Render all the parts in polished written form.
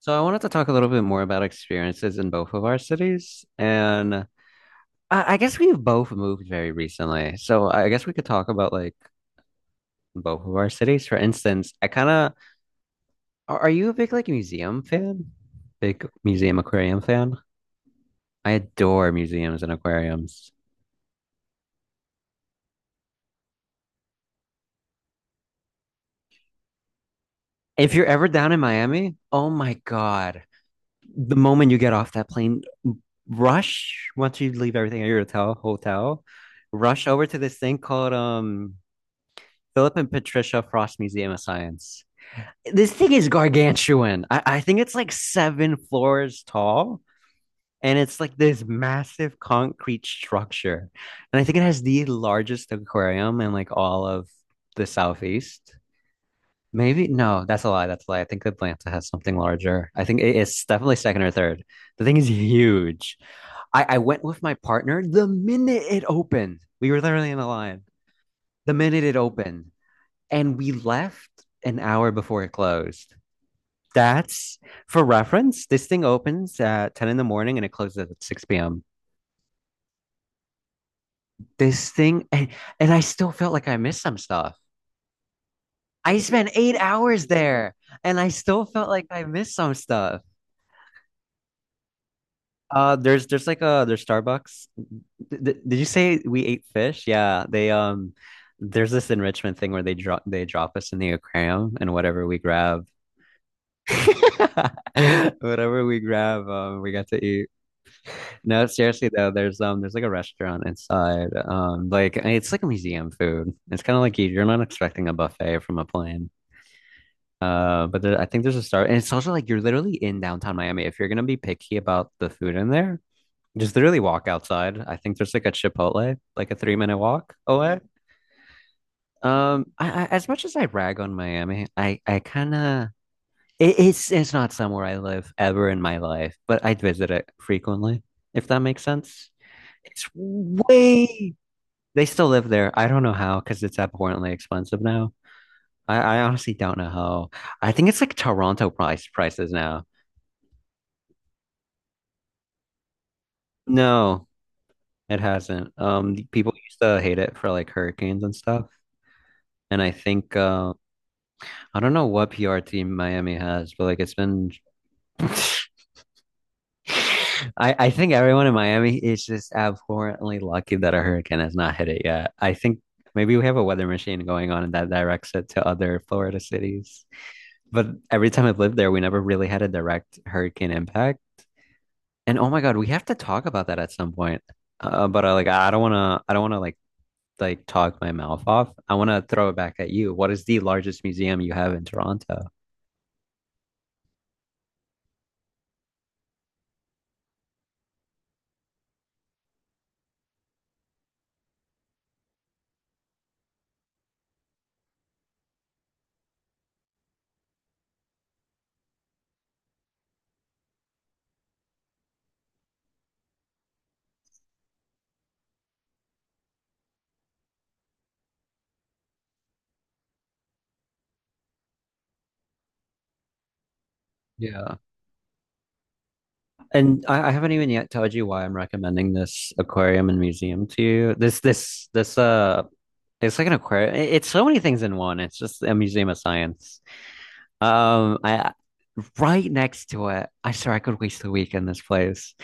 So I wanted to talk a little bit more about experiences in both of our cities. And I guess we've both moved very recently. So I guess we could talk about like both of our cities. For instance, are you a big like museum fan? Big museum aquarium fan? I adore museums and aquariums. If you're ever down in Miami, oh my God. The moment you get off that plane, rush once you leave everything at your hotel, rush over to this thing called Philip and Patricia Frost Museum of Science. This thing is gargantuan. I think it's like 7 floors tall, and it's like this massive concrete structure. And I think it has the largest aquarium in like all of the southeast. Maybe no, that's a lie. That's a lie. I think Atlanta has something larger. I think it's definitely second or third. The thing is huge. I went with my partner the minute it opened. We were literally in the line. The minute it opened, and we left an hour before it closed. That's for reference. This thing opens at 10 in the morning and it closes at 6 p.m. This thing, and, and I still felt like I missed some stuff. I spent 8 hours there and I still felt like I missed some stuff. There's like a there's Starbucks. Did you say we ate fish? Yeah, they there's this enrichment thing where they drop us in the aquarium and whatever we grab, we got to eat. No, seriously though, there's like a restaurant inside. Like it's like a museum food. It's kind of like you're not expecting a buffet from a plane. But there, I think there's a star, and it's also like you're literally in downtown Miami. If you're gonna be picky about the food in there, just literally walk outside. I think there's like a Chipotle, like a 3-minute walk away. I as much as I rag on Miami, I kind of it's not somewhere I live ever in my life, but I'd visit it frequently, if that makes sense. It's way. They still live there. I don't know how because it's abhorrently expensive now. I honestly don't know how. I think it's like Toronto prices now. No, it hasn't. The people used to hate it for like hurricanes and stuff. And I think I don't know what PR team Miami has, but like it's been. I think everyone in Miami is just abhorrently lucky that a hurricane has not hit it yet. I think maybe we have a weather machine going on that directs it to other Florida cities. But every time I've lived there, we never really had a direct hurricane impact. And oh my God, we have to talk about that at some point. But I like I don't want to like talk my mouth off. I want to throw it back at you. What is the largest museum you have in Toronto? Yeah. And I haven't even yet told you why I'm recommending this aquarium and museum to you. This it's like an aquarium. It's so many things in one. It's just a museum of science. I right next to it, I swear I could waste a week in this place.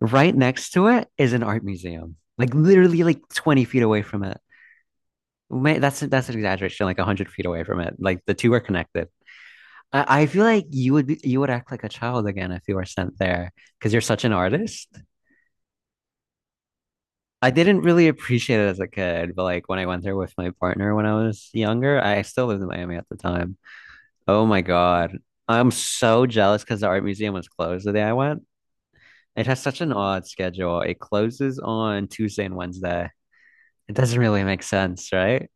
Right next to it is an art museum, like literally like 20 feet away from it. That's an exaggeration, like 100 feet away from it. Like the two are connected. I feel like you would be, you would act like a child again if you were sent there because you're such an artist. I didn't really appreciate it as a kid, but like when I went there with my partner when I was younger, I still lived in Miami at the time. Oh my God. I'm so jealous because the art museum was closed the day I went. It has such an odd schedule. It closes on Tuesday and Wednesday. It doesn't really make sense, right?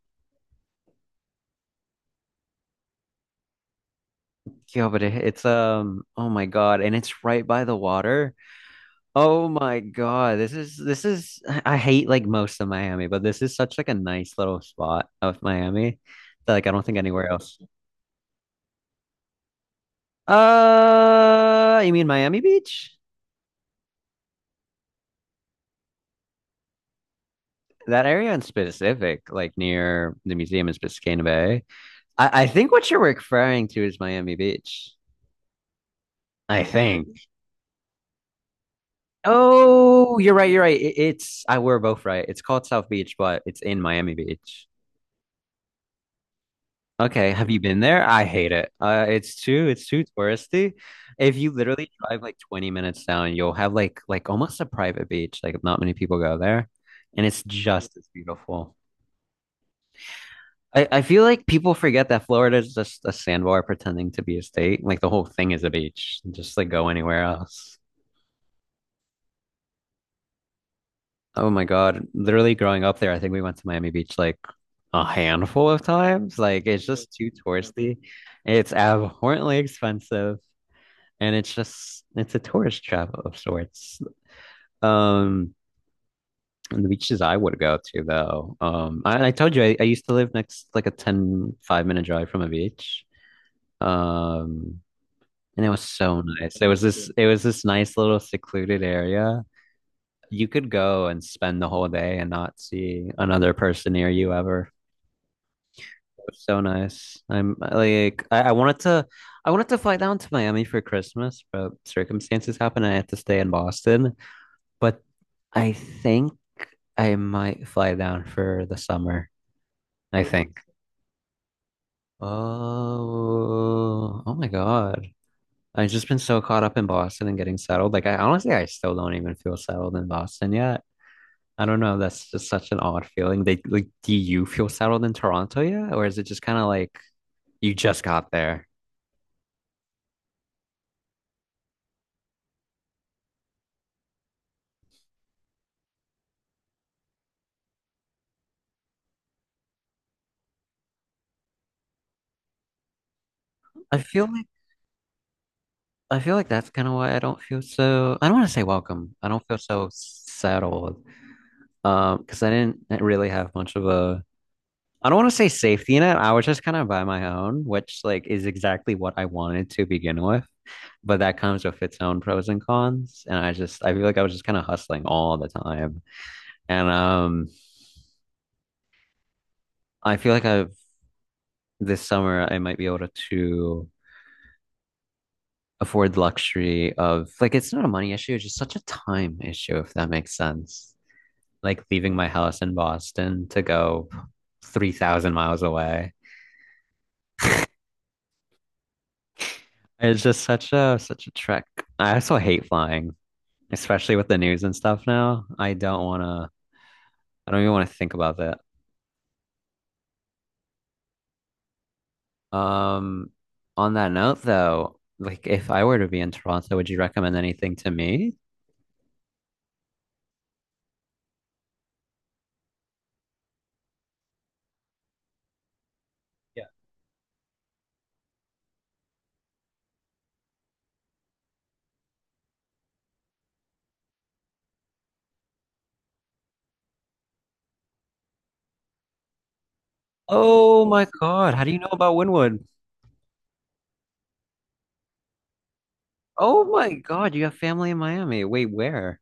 Yeah, but it, it's um oh my God, and it's right by the water. Oh my God. This is I hate like most of Miami, but this is such like a nice little spot of Miami that like I don't think anywhere else. You mean Miami Beach? That area in specific, like near the museum in Biscayne Bay. I think what you're referring to is Miami Beach. I think. Oh, you're right. You're right. It, it's I were both right. It's called South Beach, but it's in Miami Beach. Okay, have you been there? I hate it. It's too touristy. If you literally drive like 20 minutes down, you'll have like almost a private beach. Like not many people go there, and it's just as beautiful. I feel like people forget that Florida is just a sandbar pretending to be a state. Like the whole thing is a beach. Just like go anywhere else. Oh my God. Literally growing up there, I think we went to Miami Beach like a handful of times. Like it's just too touristy. It's abhorrently expensive, and it's just it's a tourist trap of sorts. Um, and the beaches I would go to though. I told you I used to live next like a ten-five minute drive from a beach. Um, and it was so nice. It was this nice little secluded area. You could go and spend the whole day and not see another person near you ever. So nice. I'm like I wanted to fly down to Miami for Christmas, but circumstances happened and I had to stay in Boston. But I think I might fly down for the summer, I think. Oh my God. I've just been so caught up in Boston and getting settled. Like I honestly I still don't even feel settled in Boston yet. I don't know. That's just such an odd feeling. They like do you feel settled in Toronto yet? Or is it just kind of like you just got there? I feel like I feel like that's kind of why I don't feel so, I don't want to say welcome. I don't feel so settled. Because I didn't really have much of a, I don't want to say safety net. I was just kind of by my own, which like is exactly what I wanted to begin with. But that comes with its own pros and cons. And I just, I feel like I was just kind of hustling all the time. And I feel like this summer, I might be able to afford the luxury of, like, it's not a money issue. It's just such a time issue, if that makes sense, like leaving my house in Boston to go 3,000 miles away. It's just such a trek. I also hate flying, especially with the news and stuff now. I don't even want to think about that. Um, on that note though, like if I were to be in Toronto, would you recommend anything to me? Yeah. Oh my God, how do you know about Wynwood? Oh my God, you have family in Miami. Wait, where?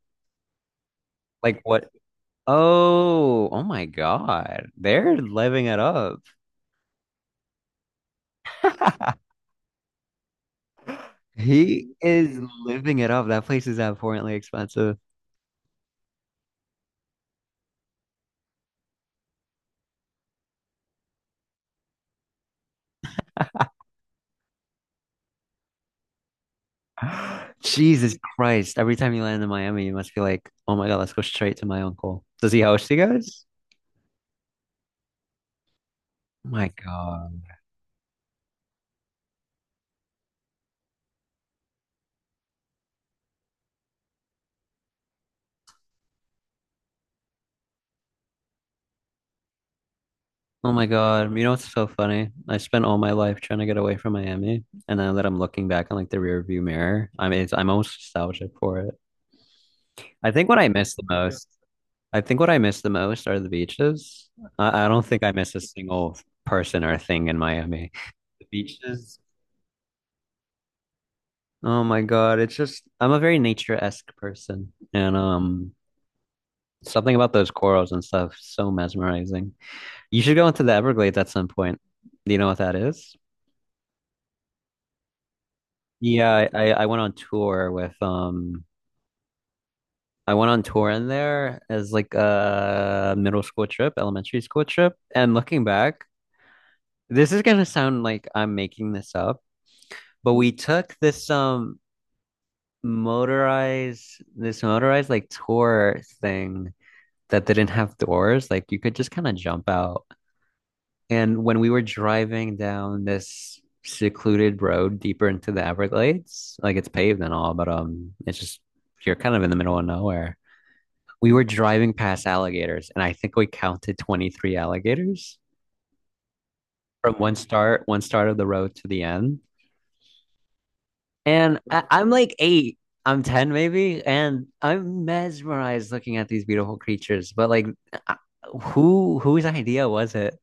Like what? Oh my God. They're living it up. He is living it up. That place is abhorrently expensive. Jesus Christ. Every time you land in Miami, you must be like, oh my God, let's go straight to my uncle. Does he host you guys? My God. Oh my God. You know what's so funny? I spent all my life trying to get away from Miami. And now that I'm looking back on like the rear view mirror, I mean, I'm almost nostalgic for it. I think what I miss the most, I think what I miss the most are the beaches. I don't think I miss a single person or thing in Miami. The beaches. Oh my God, it's just I'm a very nature-esque person, and something about those corals and stuff so mesmerizing. You should go into the Everglades at some point. Do you know what that is? Yeah, I went on tour in there as like a middle school trip, elementary school trip, and looking back, this is gonna sound like I'm making this up, but we took this motorized like tour thing that didn't have doors. Like you could just kind of jump out. And when we were driving down this secluded road deeper into the Everglades, like it's paved and all, but it's just you're kind of in the middle of nowhere. We were driving past alligators, and I think we counted 23 alligators from one start of the road to the end. And I'm like 8, I'm 10 maybe, and I'm mesmerized looking at these beautiful creatures. But like, I- whose idea was it?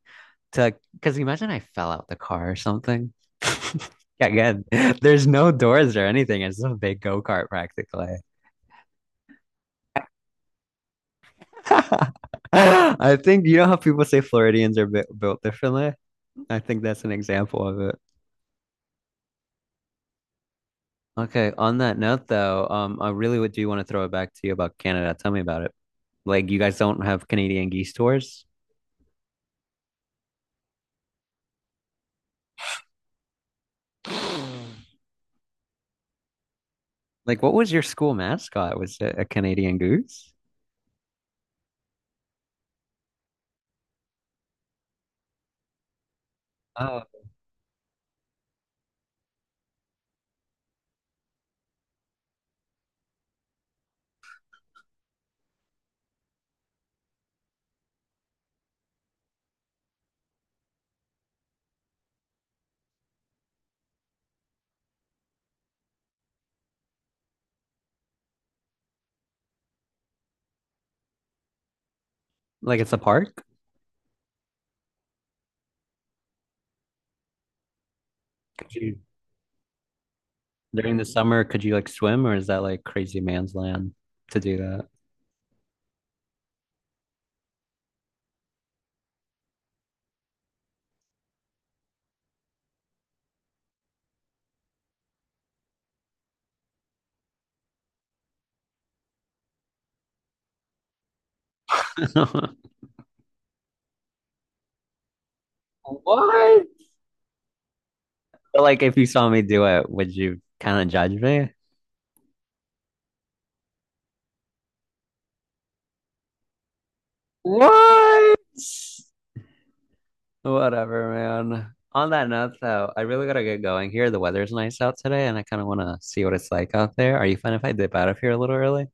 To because imagine I fell out the car or something. Again, there's no doors or anything. It's just a big go-kart practically. I think you know how people say Floridians are built differently? I think that's an example of it. Okay, on that note though, I really would do want to throw it back to you about Canada. Tell me about it. Like you guys don't have Canadian geese tours? Like what was your school mascot? Was it a Canadian goose? Oh, like it's a park? Could you During the summer, could you like swim, or is that like crazy man's land to do that? What? But, like, if you saw me do it, would you kind of judge me? What? Whatever, man. On that note, though, I really gotta get going here. The weather's nice out today, and I kind of want to see what it's like out there. Are you fine if I dip out of here a little early?